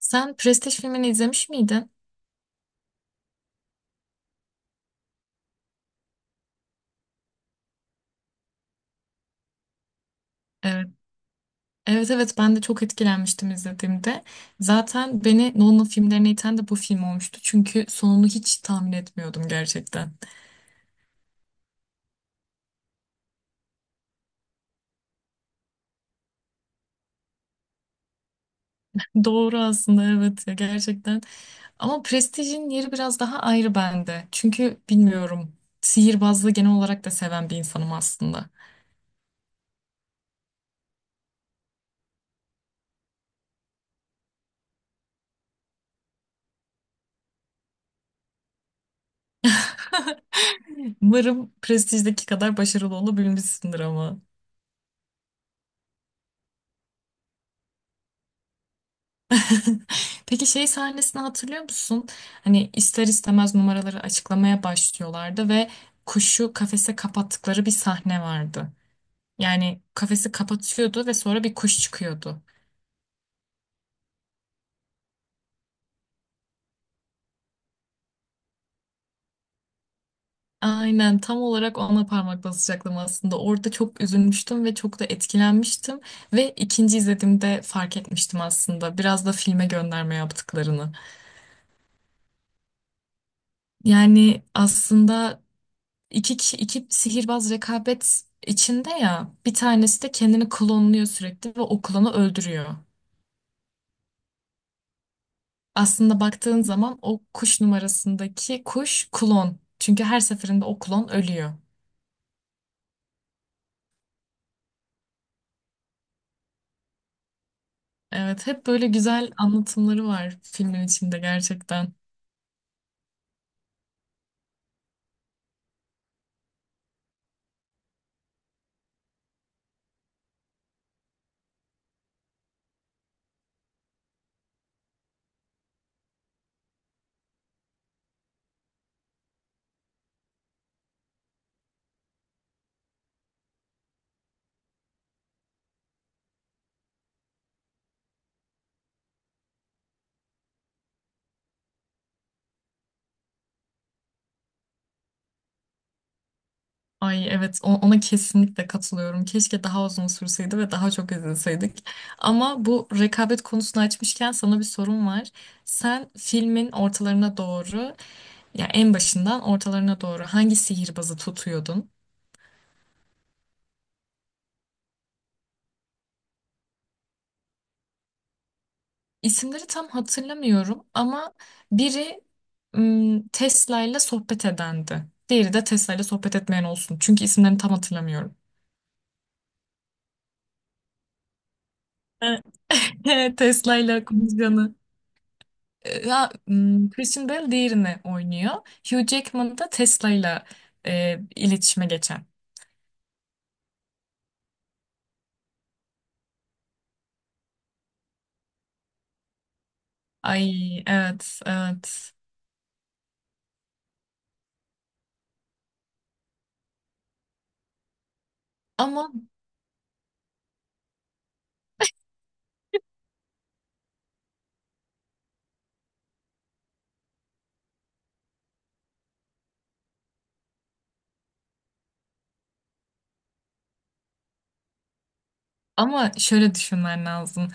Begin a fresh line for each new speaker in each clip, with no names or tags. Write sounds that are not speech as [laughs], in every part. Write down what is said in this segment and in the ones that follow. Sen Prestij filmini izlemiş miydin? Evet. Evet evet ben de çok etkilenmiştim izlediğimde. Zaten beni Nolan filmlerine iten de bu film olmuştu. Çünkü sonunu hiç tahmin etmiyordum gerçekten. Doğru aslında, evet ya, gerçekten. Ama Prestige'in yeri biraz daha ayrı bende. Çünkü bilmiyorum, sihirbazlığı genel olarak da seven bir insanım aslında. Umarım Prestige'deki kadar başarılı olabilmişsindir ama. [laughs] Peki şey sahnesini hatırlıyor musun? Hani ister istemez numaraları açıklamaya başlıyorlardı ve kuşu kafese kapattıkları bir sahne vardı. Yani kafesi kapatıyordu ve sonra bir kuş çıkıyordu. Aynen, tam olarak ona parmak basacaktım aslında. Orada çok üzülmüştüm ve çok da etkilenmiştim. Ve ikinci izlediğimde fark etmiştim aslında, biraz da filme gönderme yaptıklarını. Yani aslında İki, kişi, iki sihirbaz rekabet içinde ya, bir tanesi de kendini klonluyor sürekli ve o klonu öldürüyor. Aslında baktığın zaman o kuş numarasındaki kuş klon. Çünkü her seferinde o klon ölüyor. Evet, hep böyle güzel anlatımları var filmin içinde gerçekten. Ay evet, ona kesinlikle katılıyorum. Keşke daha uzun sürseydi ve daha çok izleseydik. Ama bu rekabet konusunu açmışken sana bir sorum var. Sen filmin ortalarına doğru, ya en başından ortalarına doğru, hangi sihirbazı tutuyordun? İsimleri tam hatırlamıyorum ama biri Tesla ile sohbet edendi. Diğeri de Tesla ile sohbet etmeyen olsun. Çünkü isimlerini tam hatırlamıyorum. [laughs] Tesla ile konuşanı. Christian Bale diğerini oynuyor. Hugh Jackman da Tesla'yla iletişime geçen. Ay evet evet. Ama ama şöyle düşünmen lazım.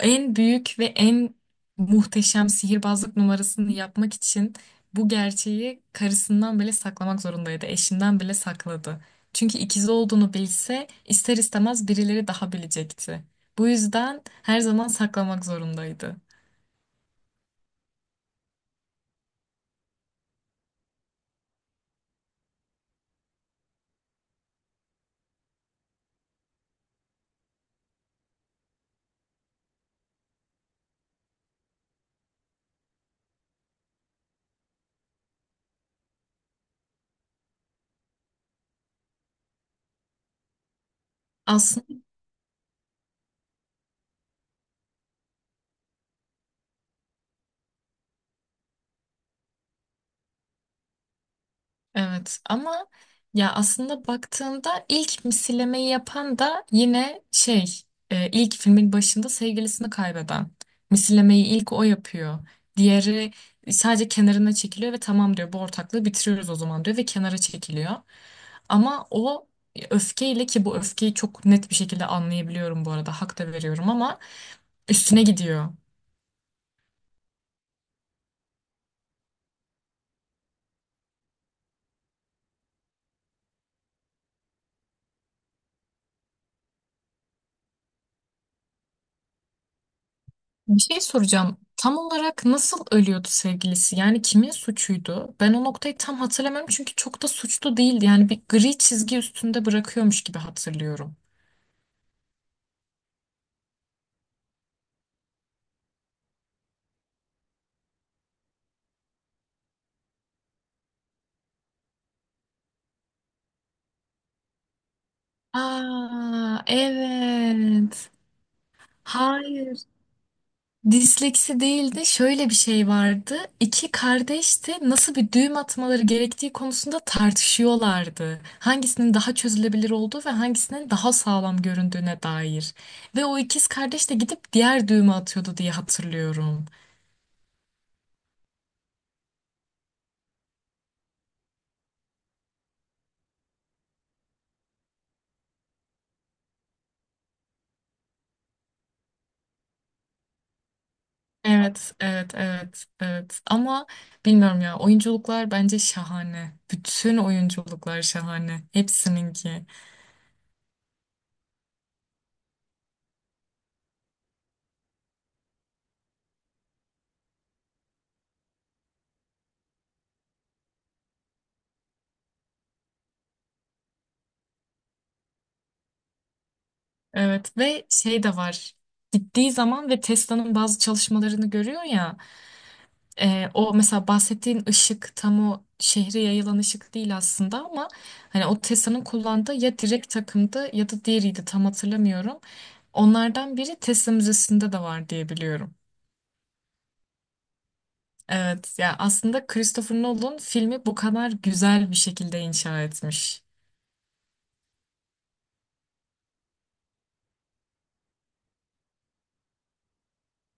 En büyük ve en muhteşem sihirbazlık numarasını yapmak için bu gerçeği karısından bile saklamak zorundaydı. Eşinden bile sakladı. Çünkü ikizi olduğunu bilse ister istemez birileri daha bilecekti. Bu yüzden her zaman saklamak zorundaydı. Aslında. Evet ama, ya aslında baktığında ilk misillemeyi yapan da yine ilk filmin başında sevgilisini kaybeden. Misillemeyi ilk o yapıyor. Diğeri sadece kenarına çekiliyor ve tamam diyor, bu ortaklığı bitiriyoruz o zaman diyor ve kenara çekiliyor. Ama o öfkeyle, ki bu öfkeyi çok net bir şekilde anlayabiliyorum bu arada, hak da veriyorum ama üstüne gidiyor. Bir şey soracağım. Tam olarak nasıl ölüyordu sevgilisi? Yani kimin suçuydu? Ben o noktayı tam hatırlamıyorum, çünkü çok da suçlu değildi. Yani bir gri çizgi üstünde bırakıyormuş gibi hatırlıyorum. Aa, evet. Hayır. Disleksi değil de şöyle bir şey vardı. İki kardeş de nasıl bir düğüm atmaları gerektiği konusunda tartışıyorlardı. Hangisinin daha çözülebilir olduğu ve hangisinin daha sağlam göründüğüne dair. Ve o ikiz kardeş de gidip diğer düğümü atıyordu diye hatırlıyorum. Evet, evet, evet, evet. Ama bilmiyorum ya, oyunculuklar bence şahane. Bütün oyunculuklar şahane. Hepsininki. Evet ve şey de var. Gittiği zaman ve Tesla'nın bazı çalışmalarını görüyor ya. O mesela bahsettiğin ışık tam o şehre yayılan ışık değil aslında, ama hani o Tessa'nın kullandığı ya direkt takımdı ya da diğeriydi tam hatırlamıyorum. Onlardan biri Tessa Müzesi'nde de var diye biliyorum. Evet ya, aslında Christopher Nolan filmi bu kadar güzel bir şekilde inşa etmiş.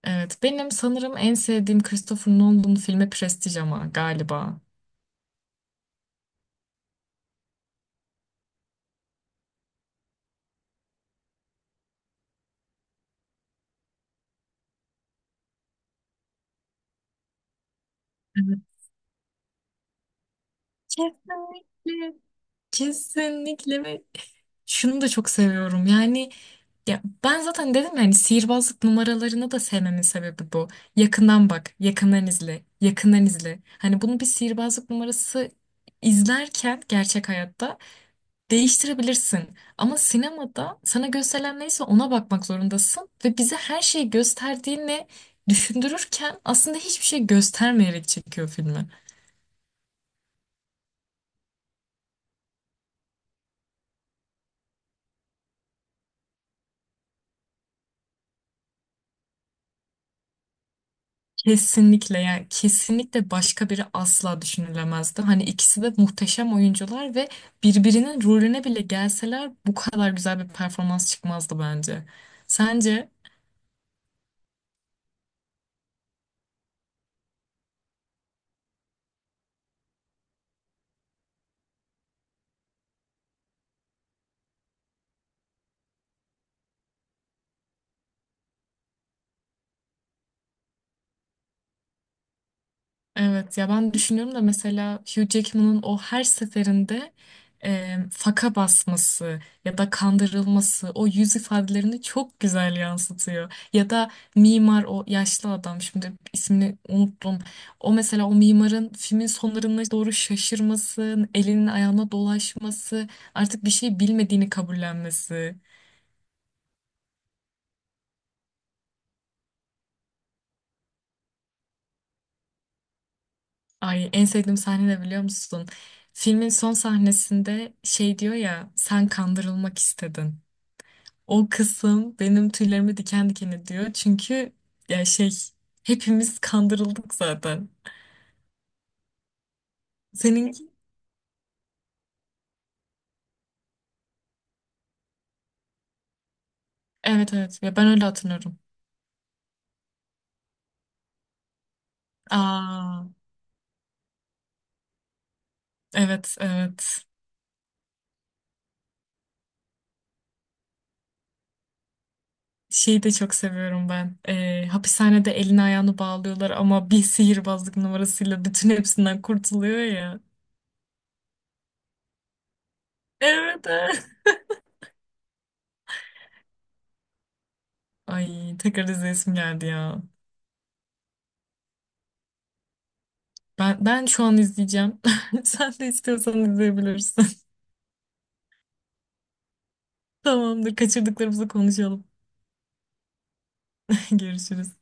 Evet, benim sanırım en sevdiğim Christopher Nolan filmi Prestige ama galiba. Evet. Kesinlikle. Kesinlikle ve şunu da çok seviyorum. Yani, ya ben zaten dedim, yani sihirbazlık numaralarını da sevmemin sebebi bu. Yakından bak, yakından izle, yakından izle. Hani bunu bir sihirbazlık numarası izlerken gerçek hayatta değiştirebilirsin. Ama sinemada sana gösterilen neyse ona bakmak zorundasın ve bize her şeyi gösterdiğini düşündürürken aslında hiçbir şey göstermeyerek çekiyor filmi. Kesinlikle, yani kesinlikle başka biri asla düşünülemezdi. Hani ikisi de muhteşem oyuncular ve birbirinin rolüne bile gelseler bu kadar güzel bir performans çıkmazdı bence. Sence? Evet ya, ben düşünüyorum da mesela Hugh Jackman'ın o her seferinde faka basması ya da kandırılması, o yüz ifadelerini çok güzel yansıtıyor. Ya da mimar, o yaşlı adam, şimdi ismini unuttum. O mesela, o mimarın filmin sonlarına doğru şaşırması, elinin ayağına dolaşması, artık bir şey bilmediğini kabullenmesi. Ay, en sevdiğim sahne de biliyor musun? Filmin son sahnesinde şey diyor ya, sen kandırılmak istedin. O kısım benim tüylerimi diken diken ediyor. Çünkü ya şey, hepimiz kandırıldık zaten. Senin, evet evet ya, ben öyle hatırlıyorum. Aa evet evet. Şeyi de çok seviyorum ben. Hapishanede elini ayağını bağlıyorlar ama bir sihirbazlık numarasıyla bütün hepsinden kurtuluyor ya. Evet. [laughs] Evet. Ay, tekrar izleyesim geldi ya. Ben şu an izleyeceğim. [laughs] Sen de istiyorsan izleyebilirsin. [laughs] Tamamdır. Kaçırdıklarımızı konuşalım. [laughs] Görüşürüz.